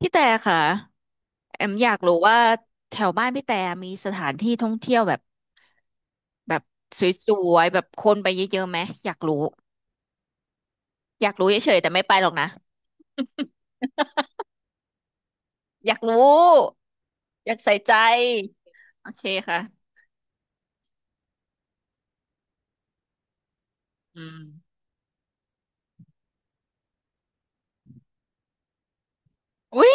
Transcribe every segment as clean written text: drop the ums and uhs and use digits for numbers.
พี่แต่ค่ะแอมอยากรู้ว่าแถวบ้านพี่แต่มีสถานที่ท่องเที่ยวแบบสวยๆแบบคนไปเยอะๆไหมอยากรู้อยากรู้เฉยๆแต่ไม่ไปหรอกนะ อยากรู้อยากใส่ใจโอเคค่ะอืมอุ้ย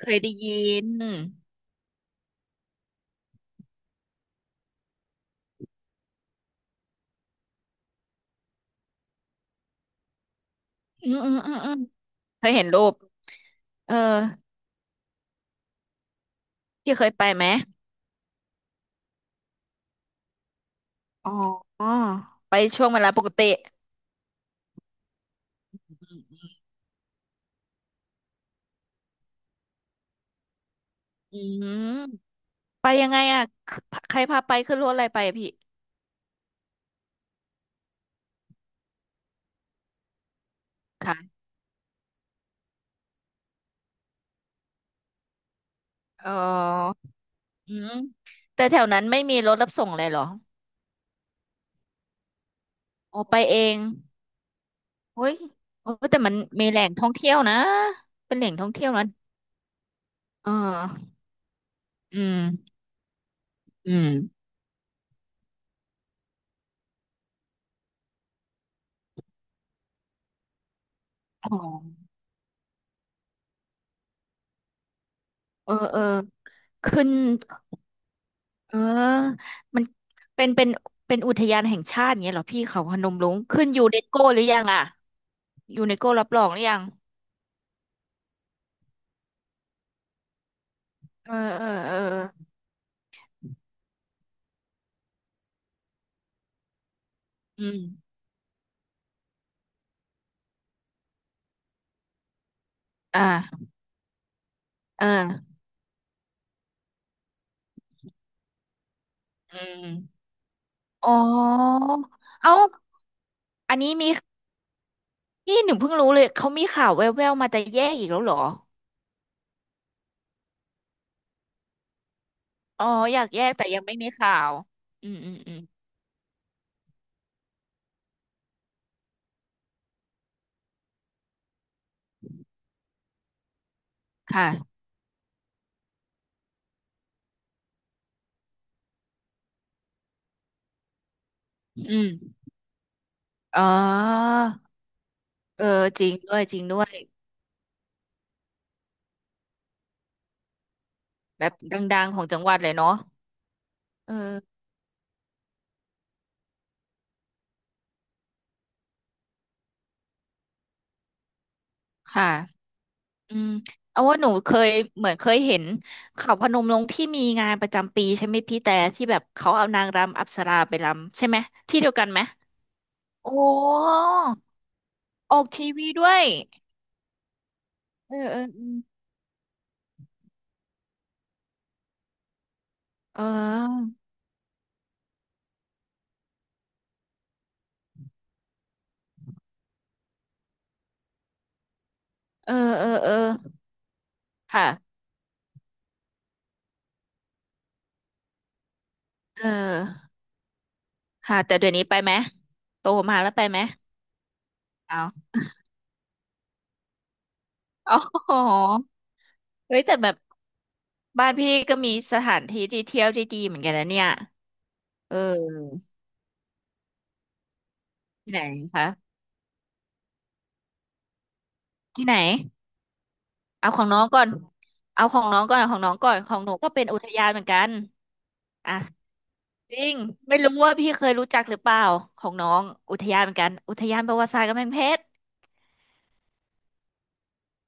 เคยได้ยินอืมเคยเห็นรูปเออพี่เคยไปไหมอ๋อไปช่วงเวลาปกติอืมอืม ไปยังไงอ่ะคือใครพาไปขึ้นรถอะไรไปอะพี่ค่ะเอออืมแต่แถวนั้นไม่มีรถรับส่งเลยเหรออ๋อไปเองเฮ้ยโอ้ยแต่มันมีแหล่งท่องเที่ยวนะเป็นแหล่งท่องเที่ยวนะเอออืมอืมอ๋อเออเออขึ้นเออมันเป็นเป็นอุทยานแห่งชาติอย่างเงี้ยเหรอพี่เขาพนมรุ้งขึ้นยูเนสโกหรือยังอ่ะยูเนสโกรับรองหรือยังเออเออเอออืมอ่าเออ อืมอ๋อเอ้าอันนี้มีนี่หนูเพิ่งรู้เลยเขามีข่าวแว่วๆมาจะแยกอีกแล้วเหรออ๋ออยากแยกแต่ยังไม่มีข่าวอืมค่ะอืมอ๋อเออจริงด้วยจริงด้วยแบบดังๆของจังหวัดเลยเนาะเออค่ะอืมเอาว่าหนูเคยเหมือนเคยเห็นเขาพนมรุ้งที่มีงานประจำปีใช่ไหมพี่แต่ที่แบบเขาเอานางรำอัปสราไปรำใช่ไหมที่เดียวกันไหมโอ้ออกทีวีด้วย เออเออเออเออเออเออเออค่ะเออค่ะแต่เดี๋ยวนี้ไปไหมโตมาแล้วไปไหมเอาอ๋อเฮ้ยแต่แบบบ้านพี่ก็มีสถานที่ที่เที่ยวที่ดีเหมือนกันนะเนี่ยเออที่ไหนคะที่ไหนเอาของน้องก่อนเอาของน้องก่อนเอาของน้องก่อนของหนูก็เป็นอุทยานเหมือนกันอ่ะจริงไม่รู้ว่าพี่เคยรู้จักหรือเปล่าของน้องอุทยานเหมือนกันอุทยานประวัติศาสตร์กำแพงเพชร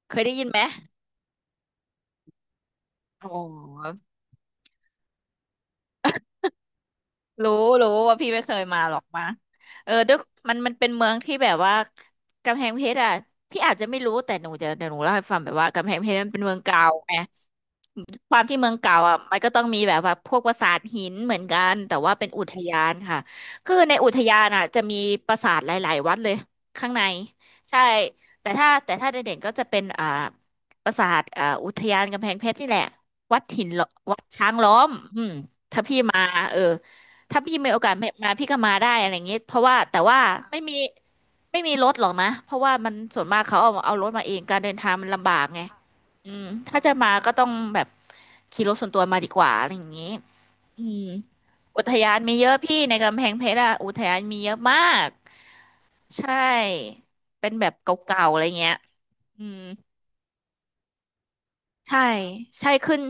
เคยได้ยินไหมอ๋อ รู้รู้ว่าพี่ไม่เคยมาหรอกมาเออด้วยมันมันเป็นเมืองที่แบบว่ากำแพงเพชรอ่ะพี่อาจจะไม่รู้แต่หนูจะเดี๋ยวหนูเล่าให้ฟังแบบว่ากำแพงเพชรมันเป็นเมืองเก่าไงความที่เมืองเก่าอ่ะมันก็ต้องมีแบบว่าพวกปราสาทหินเหมือนกันแต่ว่าเป็นอุทยานค่ะคือในอุทยานอ่ะจะมีปราสาทหลายๆวัดเลยข้างในใช่แต่ถ้าแต่ถ้าเด่นๆก็จะเป็นปราสาทอุทยานกำแพงเพชรนี่แหละวัดหินล้อวัดช้างล้อมอืมถ้าพี่มาเออ ถ้าพี่มีโอกาสมาพี่ก็มาได้อะไรอย่างเงี้ยเพราะว่าแต่ว่าไม่มีไม่มีรถหรอกนะเพราะว่ามันส่วนมากเขาเอารถมาเองการเดินทางมันลำบากไงอืมถ้าจะมาก็ต้องแบบขี่รถส่วนตัวมาดีกว่าอะไรอย่างงี้อืมอุทยานมีเยอะพี่ในกำแพงเพชรอะอุทยานมีเยอะมากใช่เป็นแบบเก่าๆอะไรเงี้ยอืมใช่ใช่ขึ้น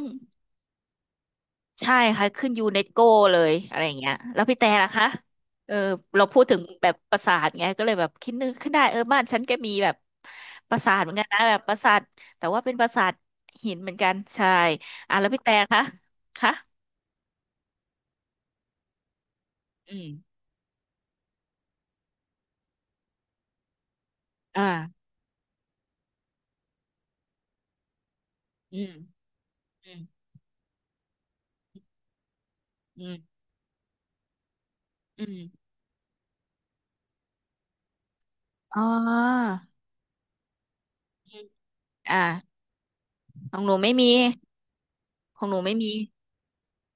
ใช่ค่ะขึ้นยูเนสโกเลยอะไรอย่างเงี้ยแล้วพี่แต่ล่ะคะเออเราพูดถึงแบบปราสาทไงก็เลยแบบคิดนึกขึ้นได้เออบ้านฉันก็มีแบบปราสาทเหมือนกันนะแบบปราสาทแต่ว่าเป็นปราสาทหินเหมือนกันใช่อ่ะแล้วพี่แต่คะคะอืมอ่าอืมอืมอืมอืมอ๋ออืมอ่าของหนูไม่มีของหนูไม่มี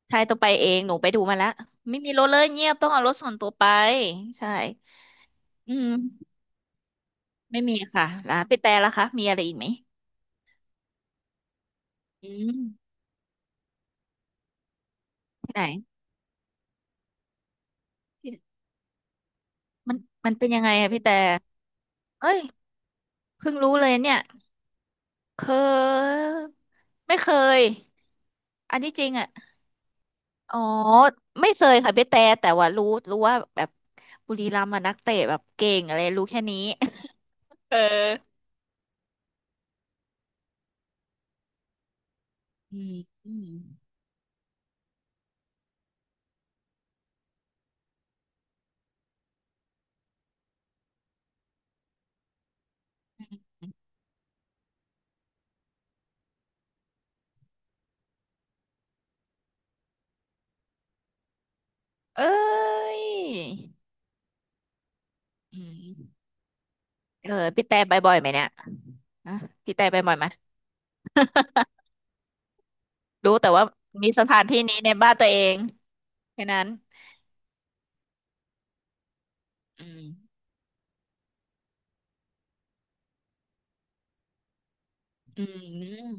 ใช่ต้องไปเองหนูไปดูมาแล้วไม่มีรถเลยเงียบต้องเอารถส่วนตัวไปใช่อืม ไม่มีค่ะร้านพี่แต่ละคะมีอะไรอีกไหมอืมที่ไหนที่มันมันเป็นยังไงอะพี่แต่เอ้ยเพิ่งรู้เลยเนี่ยเคยไม่เคยอันที่จริงอ่ะอ๋อไม่เคยค่ะพี่แต่แต่ว่ารู้รู้ว่าแบบบุรีรัมย์อะนักเตะแบบเก่งอะไรรู้แค่นี้ เอออืมอืมอืมเอ้ยอืมเออพี่แต่ไปบ่อยไหมเนี่ยอ่ะพี่แต่ไปบ่อยไหม รู้แต่ว่ามีสถานที่นี้ในบ้านตัวเองแค่นั้นอืมอืม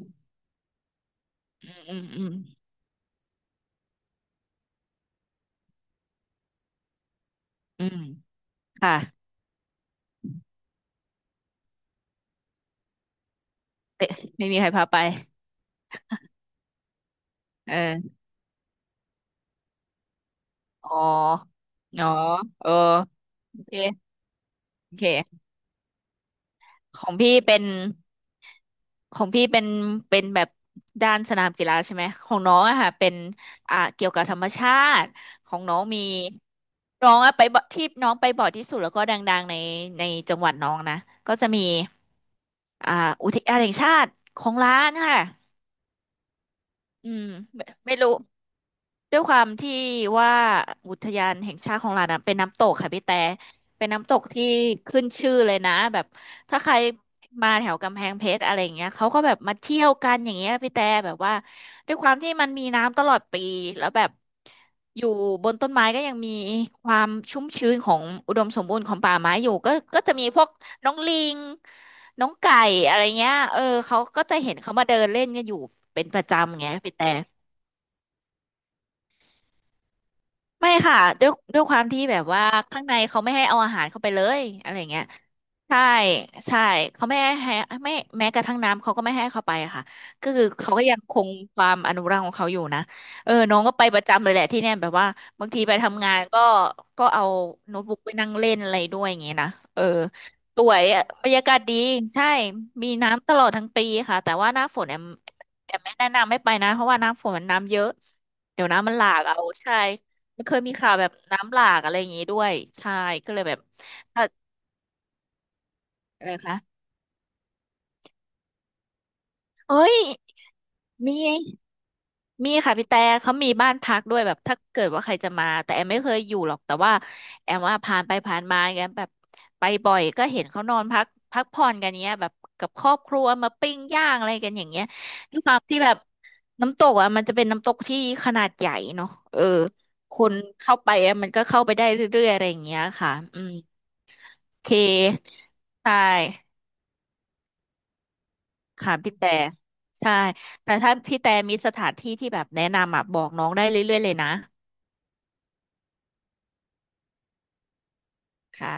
อืมอืมอืมอืมค่ะเอ๊ะไม่มีใครพาไปเอออ๋ออ๋อเออโอเคโอเค ของพี่เป็นของพี่เป็นเป็นแบบด้านสนามกีฬาใช่ไหมของน้องอะค่ะเป็นอ่าเกี่ยวกับธรรมชาติของน้องมีน้องอะไปบ่ที่น้องไปบ่อยที่สุดแล้วก็ดังๆในในจังหวัดน้องนะก็จะมีอ่าอุทยานแห่งชาติของล้านค่ะอืมไม่รู้ ด้วยความที่ว่าอุทยานแห่งชาติของเรานะเป็นน้ำตกค่ะพี่แต่เป็นน้ำตกที่ขึ้นชื่อเลยนะแบบถ้าใครมาแถวกำแพงเพชรอะไรอย่างเงี้ยเขาก็แบบมาเที่ยวกันอย่างเงี้ยพี่แต่แบบว่าด้วยความที่มันมีน้ำตลอดปีแล้วแบบอยู่บนต้นไม้ก็ยังมีความชุ่มชื้นของอุดมสมบูรณ์ของป่าไม้อยู่ก็จะมีพวกน้องลิงน้องไก่อะไรเงี้ยเออเขาก็จะเห็นเขามาเดินเล่นกันอยู่เป็นประจำไงพี่แต่ ไม่ค่ะด้วยความที่แบบว่าข้างในเขาไม่ให้เอาอาหารเข้าไปเลยอะไรอย่างเงี้ยใช่ใช่เขาไม่ให้ให้ไม่แม้กระทั่งน้ำเขาก็ไม่ให้เข้าไปอะค่ะก็คือเขาก็ยังคงความอนุรักษ์ของเขาอยู่นะเออน้องก็ไปประจำเลยแหละที่เนี่ยแบบว่าบางทีไปทำงานก็เอาโน้ตบุ๊กไปนั่งเล่นอะไรด้วยอย่างเงี้ยนะเออสวยอะบรรยากาศดีใช่มีน้ำตลอดทั้งปีค่ะแต่ว่าหน้าฝนแอมไม่แนะนำไม่ไปนะเพราะว่าหน้ำฝนมันน้ำเยอะเดี๋ยวน้ำมันหลากเอาใช่ มันเคยมีข่าวแบบน้ำหลากอะไรอย่างงี้ด้วยใช่ก็เลยแบบถ้าอะไรคะเอ้ยมีมีค่ะพี่แต่เขามีบ้านพักด้วยแบบถ้าเกิดว่าใครจะมาแต่แอมไม่เคยอยู่หรอกแต่ว่าแอมว่าผ่านไปผ่านมาอย่างเงี้ยแบบไปบ่อยก็เห็นเขานอนพักพักผ่อนกันเงี้ยแบบกับครอบครัวมาปิ้งย่างอะไรกันอย่างเงี้ยด้วยความที่แบบน้ำตกอ่ะมันจะเป็นน้ำตกที่ขนาดใหญ่เนาะเออคนเข้าไปอะมันก็เข้าไปได้เรื่อยๆอะไรอย่างเงี้ยค่ะอืมโอเคใช่ ค่ะพี่แต่ใช่แต่ถ้าพี่แต่มีสถานที่ที่แบบแนะนำอ่ะบอกน้องได้เรื่อยๆเลยนะค่ะ